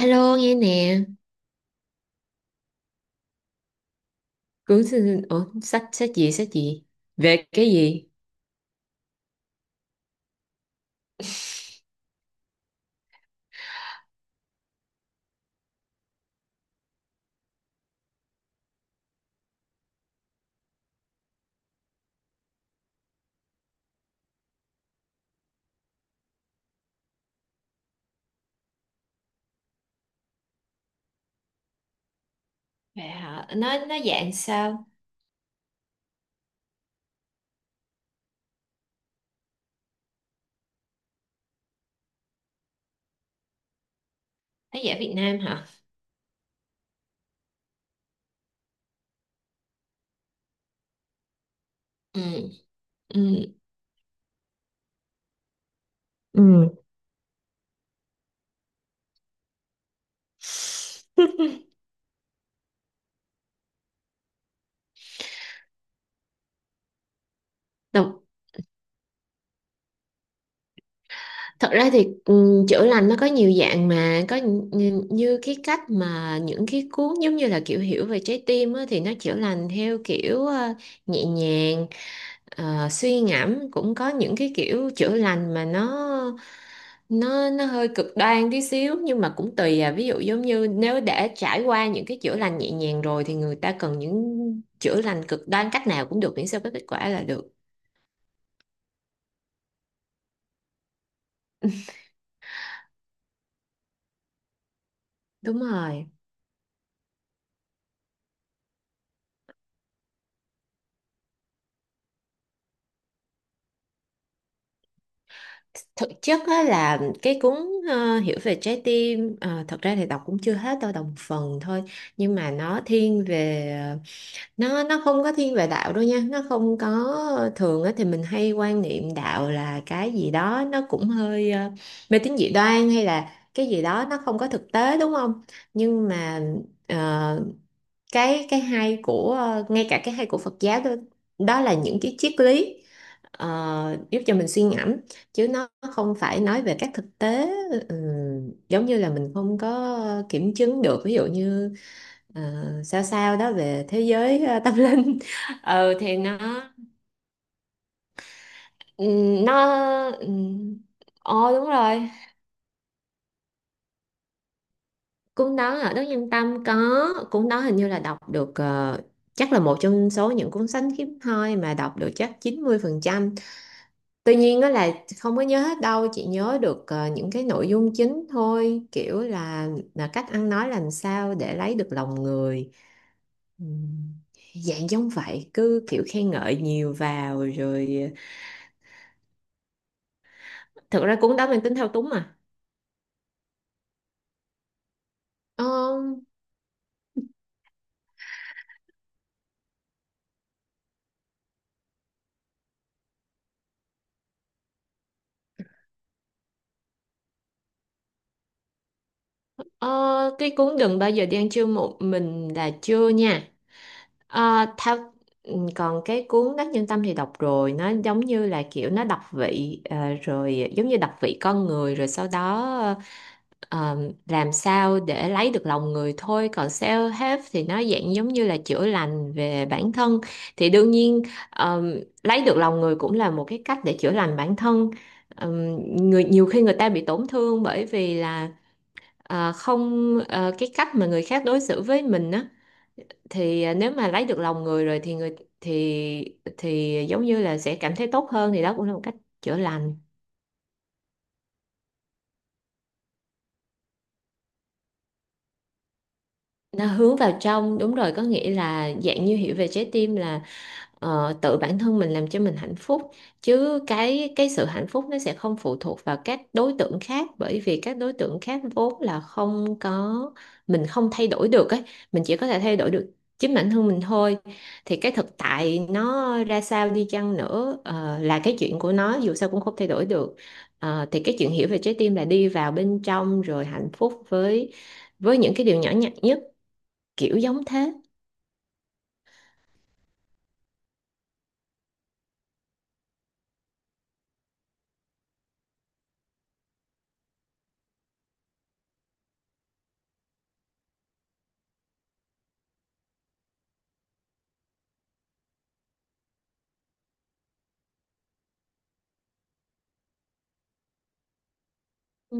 Alo nghe nè. Cuốn sách. Ủa, sách sách gì về cái gì? Vậy hả? Nó dạng sao? Nó dạng Việt Nam hả? Ừ. Ừ, ừ. Đọc, thật ra thì chữa lành nó có nhiều dạng mà có như cái cách mà những cái cuốn giống như là kiểu hiểu về trái tim á, thì nó chữa lành theo kiểu nhẹ nhàng. Suy ngẫm cũng có những cái kiểu chữa lành mà nó hơi cực đoan tí xíu, nhưng mà cũng tùy à. Ví dụ giống như nếu đã trải qua những cái chữa lành nhẹ nhàng rồi thì người ta cần những chữa lành cực đoan, cách nào cũng được miễn sao có kết quả là được. Đúng rồi. Thực chất á, là cái cuốn Hiểu về trái tim, thật ra thì đọc cũng chưa hết đâu, đọc một phần thôi. Nhưng mà nó thiên về nó không có thiên về đạo đâu nha, nó không có. Thường á thì mình hay quan niệm đạo là cái gì đó nó cũng hơi mê tín dị đoan hay là cái gì đó nó không có thực tế đúng không, nhưng mà ờ, cái hay của ngay cả cái hay của Phật giáo đó, đó là những cái triết lý giúp cho mình suy ngẫm, chứ nó không phải nói về các thực tế. ừ, Giống như là mình không có kiểm chứng được, ví dụ như ờ, sao sao đó về thế giới tâm linh. Thì nó, nó. ừm, Ồ, đúng rồi, cuốn đó ở Đức Nhân Tâm có. Cuốn đó hình như là đọc được, chắc là một trong số những cuốn sách hiếm hoi mà đọc được chắc 90%. Tuy nhiên đó là không có nhớ hết đâu, chỉ nhớ được những cái nội dung chính thôi, kiểu là cách ăn nói làm sao để lấy được lòng người. Ừm, Dạng giống vậy, cứ kiểu khen ngợi nhiều vào rồi. Ờ, Thực ra cuốn đó mang tính thao túng mà. ờ, ờ, cái cuốn "Đừng bao giờ đi ăn trưa một mình" là chưa nha. Ờ, thao Còn cái cuốn Đắc Nhân Tâm thì đọc rồi, nó giống như là kiểu nó đọc vị, rồi giống như đọc vị con người, rồi sau đó ờ, làm sao để lấy được lòng người thôi. Còn self help thì nó dạng giống như là chữa lành về bản thân, thì đương nhiên ờm, lấy được lòng người cũng là một cái cách để chữa lành bản thân. Ờm, Người, nhiều khi người ta bị tổn thương bởi vì là không cái cách mà người khác đối xử với mình á, thì nếu mà lấy được lòng người rồi thì người thì giống như là sẽ cảm thấy tốt hơn, thì đó cũng là một cách chữa lành. Nó hướng vào trong, đúng rồi, có nghĩa là dạng như hiểu về trái tim là tự bản thân mình làm cho mình hạnh phúc, chứ cái sự hạnh phúc nó sẽ không phụ thuộc vào các đối tượng khác, bởi vì các đối tượng khác vốn là không có, mình không thay đổi được ấy. Mình chỉ có thể thay đổi được chính bản thân mình thôi, thì cái thực tại nó ra sao đi chăng nữa là cái chuyện của nó, dù sao cũng không thay đổi được. Ờ, thì cái chuyện hiểu về trái tim là đi vào bên trong rồi hạnh phúc với những cái điều nhỏ nhặt nhất, kiểu giống thế. Ừ.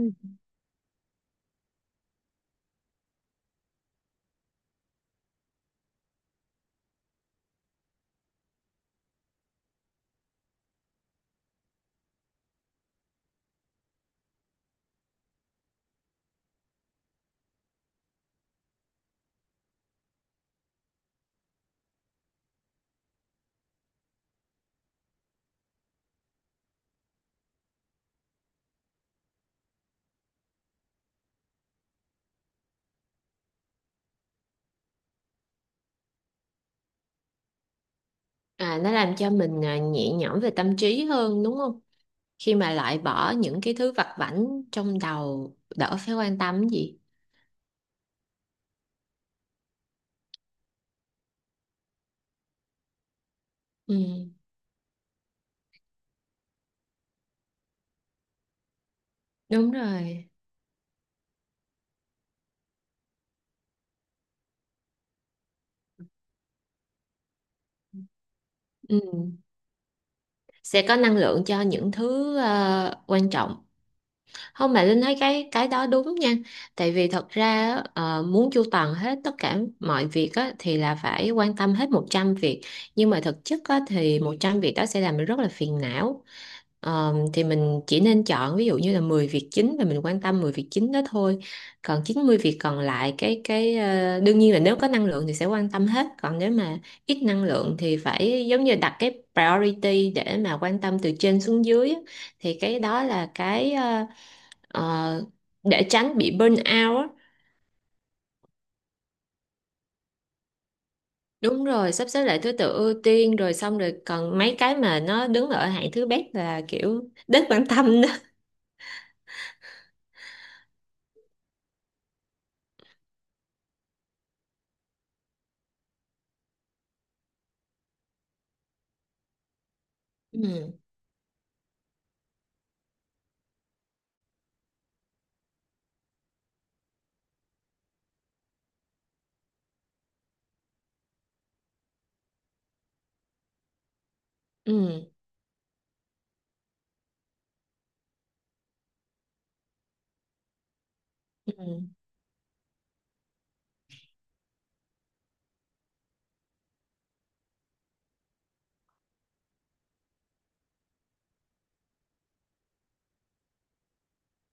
À, nó làm cho mình nhẹ nhõm về tâm trí hơn đúng không? Khi mà loại bỏ những cái thứ vặt vãnh trong đầu, đỡ phải quan tâm cái gì. Ừ, đúng rồi. Ừ. Sẽ có năng lượng cho những thứ quan trọng. Không, mà Linh thấy cái đó đúng nha, tại vì thật ra á, muốn chu toàn hết tất cả mọi việc á, thì là phải quan tâm hết 100 việc. Nhưng mà thực chất á, thì 100 việc đó sẽ làm mình rất là phiền não. Ờ, thì mình chỉ nên chọn ví dụ như là 10 việc chính, và mình quan tâm 10 việc chính đó thôi. Còn 90 việc còn lại cái cái, đương nhiên là nếu có năng lượng thì sẽ quan tâm hết, còn nếu mà ít năng lượng thì phải giống như đặt cái priority để mà quan tâm từ trên xuống dưới á. Thì cái đó là cái ờ, để tránh bị burn out á. Đúng rồi, sắp xếp lại thứ tự ưu tiên rồi xong rồi còn mấy cái mà nó đứng ở hạng thứ bét là kiểu đến bản tâm đó. Ừ, ừ, ừ.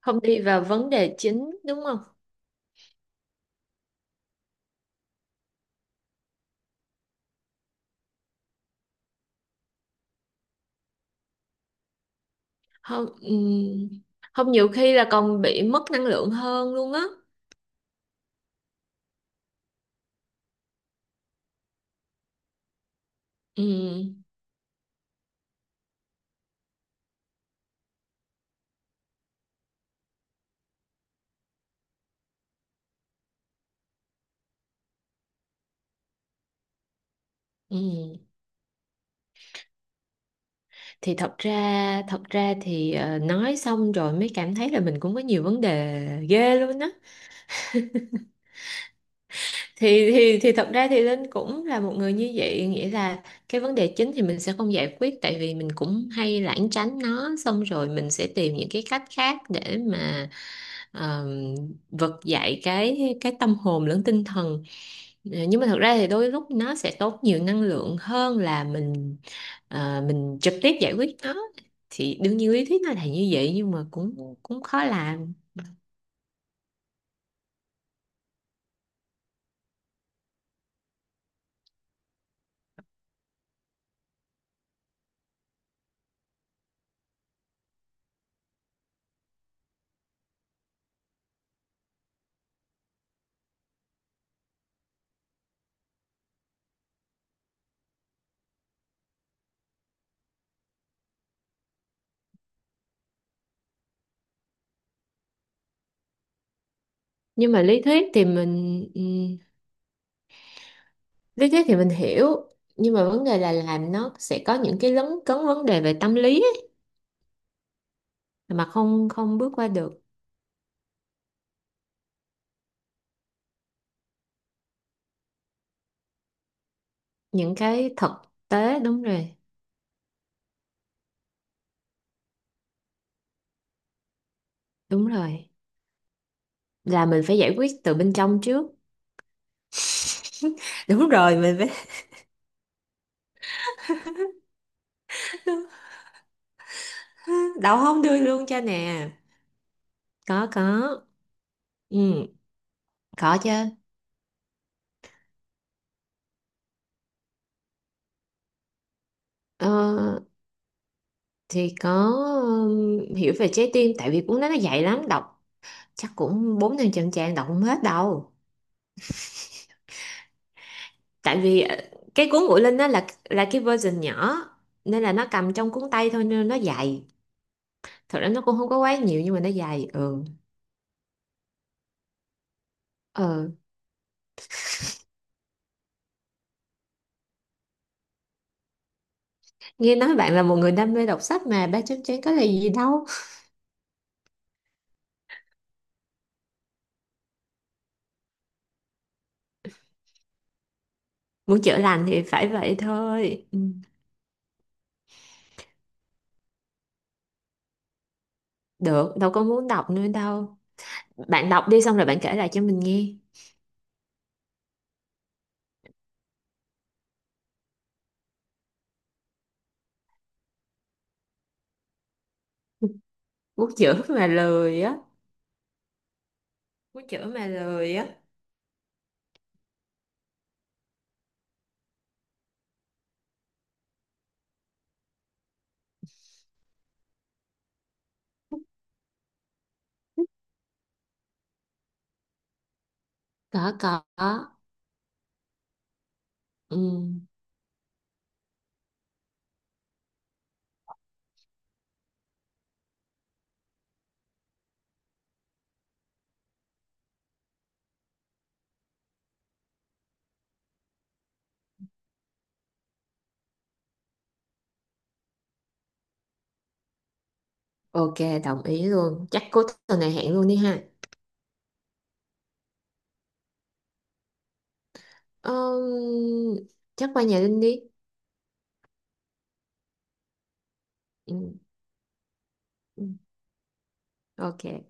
Không đi vào vấn đề chính đúng không? Không, ừ. Không, nhiều khi là còn bị mất năng lượng hơn luôn á. Ừ, ừ. Thì thật ra thì nói xong rồi mới cảm thấy là mình cũng có nhiều vấn đề ghê luôn á. Thì thật ra thì Linh cũng là một người như vậy, nghĩa là cái vấn đề chính thì mình sẽ không giải quyết, tại vì mình cũng hay lảng tránh nó, xong rồi mình sẽ tìm những cái cách khác để mà ờm, vực dậy cái tâm hồn lẫn tinh thần. Ờ, nhưng mà thật ra thì đôi lúc nó sẽ tốn nhiều năng lượng hơn là mình trực tiếp giải quyết nó. Thì đương nhiên lý thuyết nó là như vậy nhưng mà cũng cũng khó làm. Nhưng mà lý thuyết thì mình hiểu, nhưng mà vấn đề là làm nó sẽ có những cái lấn cấn vấn đề về tâm lý ấy, mà không không bước qua được những cái thực tế, đúng rồi. Đúng rồi, là mình phải giải quyết từ bên trong trước. Đúng rồi, mình phải. Đậu, không đưa luôn cho nè. Có, có. Ừ. Có chứ. ờ, thì có, hiểu về trái tim, tại vì cuốn đó nó dày lắm, đọc chắc cũng 400-500 trang, đọc không hết đâu. Tại vì cái cuốn Ngụy Linh đó là cái version nhỏ, nên là nó cầm trong cuốn tay thôi nên nó dài. Thật ra nó cũng không có quá nhiều nhưng mà nó dài. Ừ ờ Nghe nói bạn là một người đam mê đọc sách mà ba chấm chén có là gì đâu. Muốn chữa lành thì phải vậy thôi. Ừ. Được, đâu có muốn đọc nữa đâu, bạn đọc đi xong rồi bạn kể lại cho mình nghe. Muốn chữa mà lười á. Muốn chữa mà lười á. Có, có. Ừ. OK, đồng ý luôn, chắc cuối tuần này hẹn luôn đi ha. Ờm, chắc qua nhà Linh đi. Ừ, ừ, OK.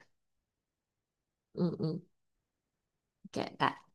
Ừ, ừ, OK. Bye.